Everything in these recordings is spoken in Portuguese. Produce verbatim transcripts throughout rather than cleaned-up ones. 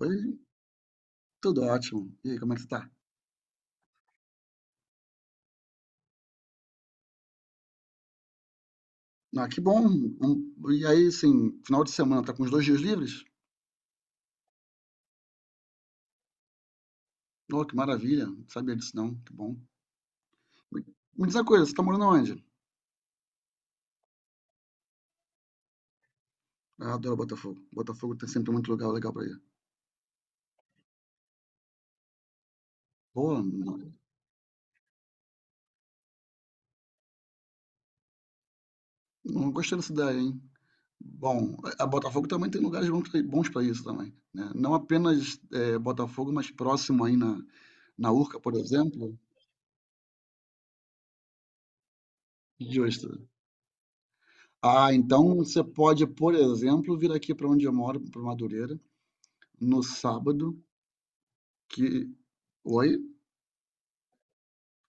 Oi, tudo ótimo. E aí, como é que você tá? Ah, que bom. Um- e aí, assim, final de semana, tá com os dois dias livres? Oh, que maravilha. Não sabia disso não, que bom. Me diz uma coisa, você tá morando onde? Ah, Eu adoro Botafogo. Botafogo tem sempre muito lugar legal pra ir. Pô, não, não gostei dessa ideia, hein? Bom, a a Botafogo também tem lugares bons pra bons pra isso também, né? Não apenas eh, Botafogo, mas próximo aí na, na Urca, por exemplo. Justo. Ah, então você pode, por exemplo, vir aqui para onde eu moro, para Madureira, no sábado que. Oi?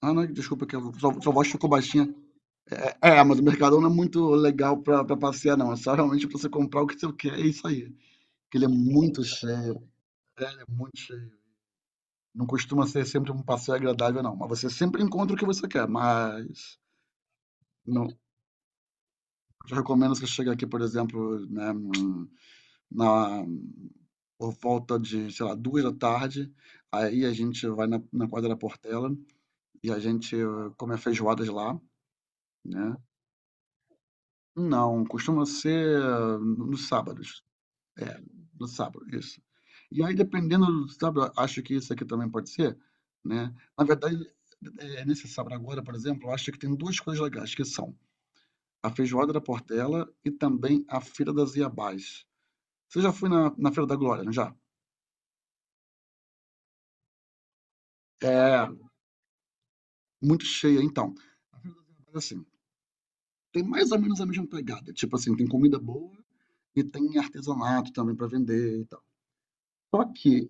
Ah, não, desculpa, que a sua, sua voz ficou baixinha. É, é, é, mas o Mercadão não é muito legal pra, pra passear, não. É só realmente pra você comprar o que você quer, é isso aí. Porque ele é muito cheio. É, ele é muito cheio. Não costuma ser sempre um passeio agradável, não. Mas você sempre encontra o que você quer, mas. Não, eu recomendo você chegar aqui, por exemplo, né, hum, na, por volta de, sei lá, duas da tarde. Aí a gente vai na, na quadra da Portela e a gente eh, come a feijoada de lá. Né. Não, costuma ser eh, nos sábados. É, no sábado, isso. E aí dependendo, do sábado acho que isso aqui também pode ser, né. Na verdade, eh, nesse sábado agora, por exemplo, eu acho que tem duas coisas legais, que são a feijoada da Portela e também a feira das Iabás. Você já foi na na Feira da Glória, não já? É, muito cheia então. Mas assim, tem mais ou menos a mesma pegada, tipo assim, tem comida boa e tem artesanato também para vender e tal. Só que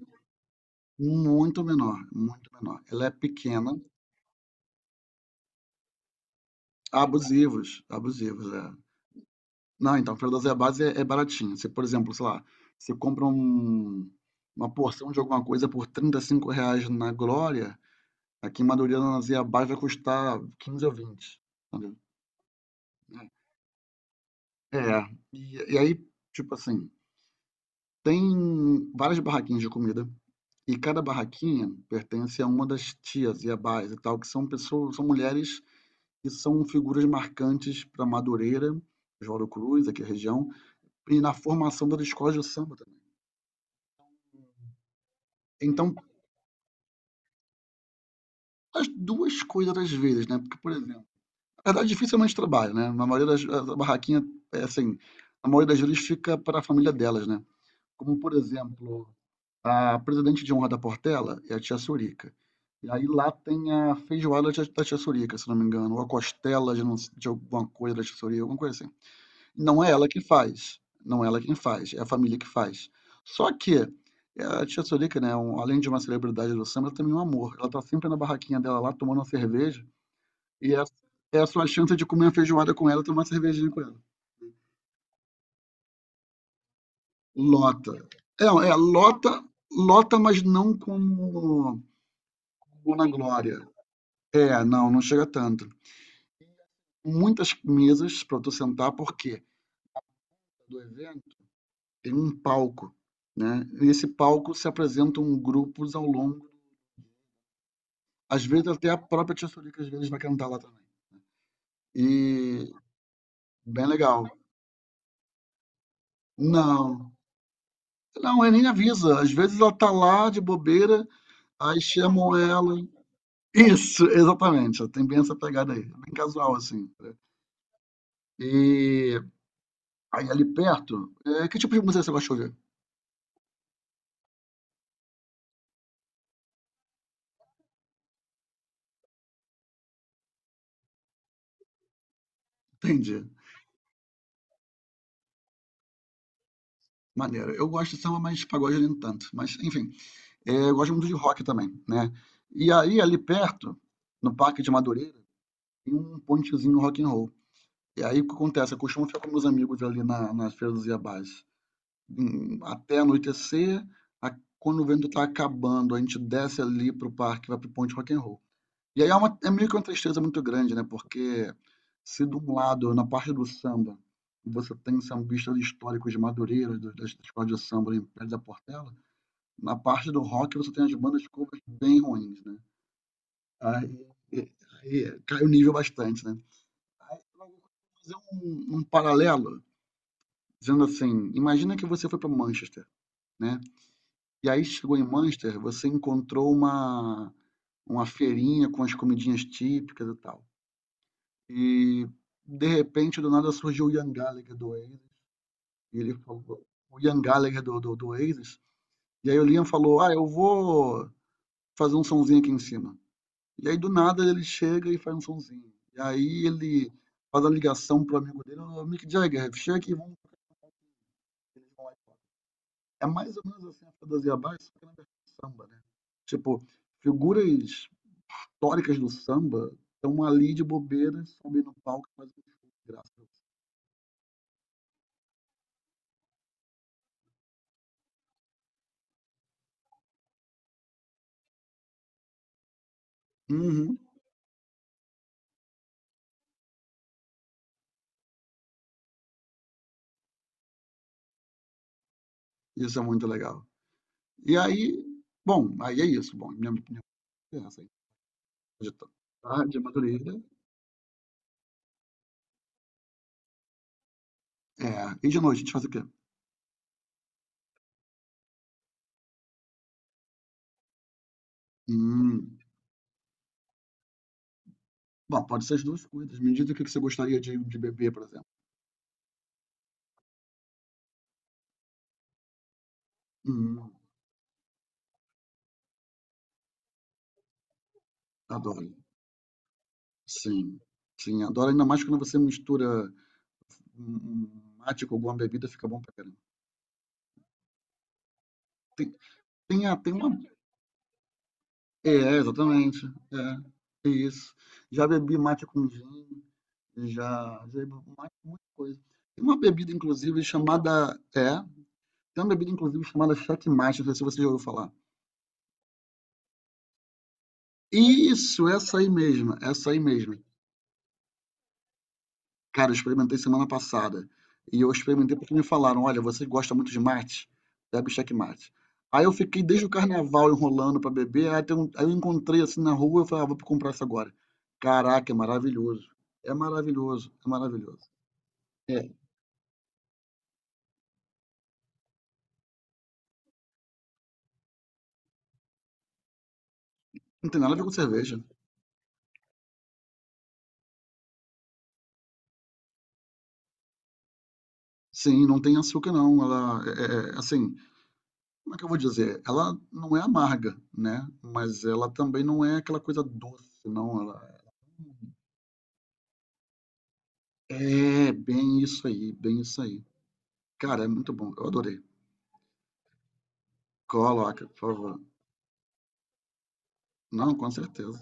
muito menor, muito menor. Ela é pequena, abusivos, abusivos, é. Não, então, para dosar a base é, é baratinho. Se por exemplo, sei lá, você compra um- uma porção de alguma coisa por trinta e cinco reais na Glória, aqui em Madureira, na dose a base vai custar quinze ou vinte. Entendeu? É, é. e, e aí, tipo assim, tem várias barraquinhas de comida, e cada barraquinha pertence a uma das tias e abás e tal, que são pessoas, são mulheres que são figuras marcantes para Madureira, Oswaldo Cruz, aqui a região, e na formação das escolas de samba também. Então, as duas coisas às vezes, né? Porque, por exemplo, na verdade, dificilmente trabalha, né? Na maioria das A barraquinha, é assim, a maioria das vezes fica para a família delas, né? Como, por exemplo, a presidente de honra da Portela é a tia Sorica. E aí lá tem a feijoada da tia Sorica, se não me engano, ou a costela de, não- de alguma coisa da tia Sorica, alguma coisa assim. Não é ela que faz, não é ela quem faz, é a família que faz. Só que eh, a tia Sorica, né, um- além de uma celebridade do samba, ela também é um amor. Ela tá sempre na barraquinha dela lá, tomando uma cerveja, e essa é a sua chance de comer uma feijoada com ela, e tomar uma cervejinha com ela. Lota. É, é lota, lota, mas não como como na glória. É, não, não chega tanto. Muitas mesas para tu sentar, porque do evento tem um palco, né? Nesse palco se apresentam grupos ao longo. Às vezes até a própria Tia Sônica às vezes vai cantar lá também. E bem legal. Não, não, ele nem avisa. Às vezes ela tá lá de bobeira, aí chamam ela. Isso, exatamente. Tem bem essa pegada aí. Bem casual, assim. E aí ali perto, é, que tipo de música você gosta de ouvir? Entendi. Maneiro. Eu gosto de samba, mas pagode nem tanto. Mas, enfim, é, eu gosto muito de rock também, né? E aí, ali perto, no Parque de Madureira, tem um pontezinho rock and roll. E aí o que acontece? Eu costumo ficar com meus amigos ali na, na Feira do Zé Bás, hum, até anoitecer, a- quando o vento tá acabando, a gente desce ali pro parque, vai pro Ponte Rock and Roll. E aí é, uma, é meio que uma tristeza muito grande, né? Porque se de um lado, na parte do samba, você tem sambistas históricos de Madureira, do- das escolas de samba em Pé da Portela, na parte do rock você tem as bandas covers bem ruins, né? Aí, aí cai o nível bastante, né? Fazer um, um paralelo, dizendo assim: imagina que você foi para Manchester, né? E aí chegou em Manchester, você encontrou uma, uma feirinha com as comidinhas típicas e tal. E de repente, do nada surgiu o Ian Gallagher do Oasis, e ele falou, o Ian Gallagher do, do, do Oasis, e aí o Liam falou: ah, eu vou fazer um sonzinho aqui em cima. E aí do nada ele chega e faz um sonzinho. E aí ele faz a ligação pro amigo dele, o Mick Jagger, chega aqui, vamos. É mais ou menos assim a Fedosia Abaixo, só que na versão samba, né? Tipo, figuras históricas do samba estão ali de bobeira, sobem no palco e fazem um show de graça. Uhum, isso é muito legal. E aí, bom, aí é isso. Bom, minha opinião é essa aí. De tarde, amadureira. É, e de noite, a gente faz o quê? Hum. Bom, pode ser as duas coisas. Me diz o que que você gostaria de, de beber, por exemplo. Hum, Adoro. Sim, sim, adoro. Ainda mais quando você mistura um um mate com alguma bebida fica bom pra caramba. Tem, tem, a- tem uma. É, exatamente. É, é isso. Já bebi mate com gin, já, já bebi um mate com muita coisa. Tem uma bebida, inclusive, chamada. É, tem uma bebida, inclusive, chamada checkmate, não sei se você já ouviu falar. Isso, essa aí mesmo, essa aí mesmo. Cara, eu experimentei semana passada. E eu experimentei porque me falaram: olha, você gosta muito de mate? Bebe checkmate. Aí eu fiquei desde o carnaval enrolando pra beber. Aí, tem um- aí eu encontrei assim na rua. Eu falei: ah, vou comprar isso agora. Caraca, é maravilhoso. É maravilhoso. É maravilhoso. É, não tem nada a ver com cerveja. Sim, não tem açúcar, não. Ela é, é, é, assim, como é que eu vou dizer? Ela não é amarga, né? Mas ela também não é aquela coisa doce, não. Ela é bem isso aí, bem isso aí. Cara, é muito bom. Eu adorei. Coloca, por favor. Não, com certeza.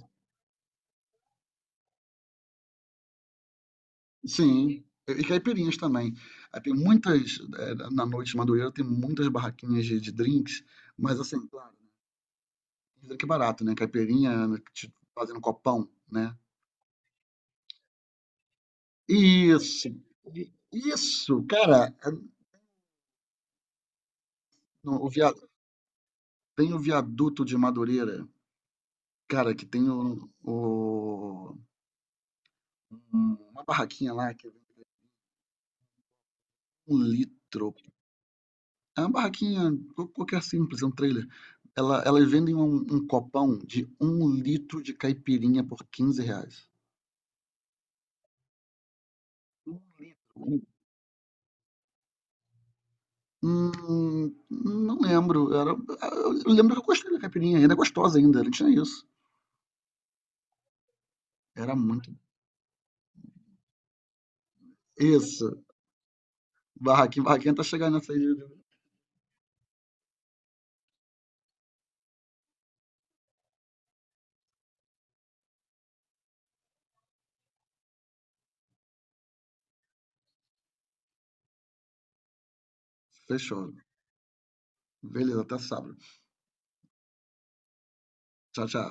Sim. E caipirinhas também. Aí tem muitas, eh, na noite de Madureira, tem muitas barraquinhas de, de drinks, mas assim, claro, drink barato, né? Caipirinha, né, te fazendo copão, né? Isso. i- Isso, cara. É- não, o via- tem o viaduto de Madureira, cara, que tem o, o- uma barraquinha lá que vem um litro. É uma barraquinha qual- qualquer simples, é um trailer. Ela, elas vendem um, um copão de um litro de caipirinha por quinze reais. Um litro. Hum, não lembro. Era, eu lembro que eu gostei da caipirinha, ainda é gostosa ainda, não tinha isso. Era muito. Isso. Barraquinha, barraquinha tá chegando nessa aí. de- de- Fechou. Beleza, até sábado. Tchau, tchau.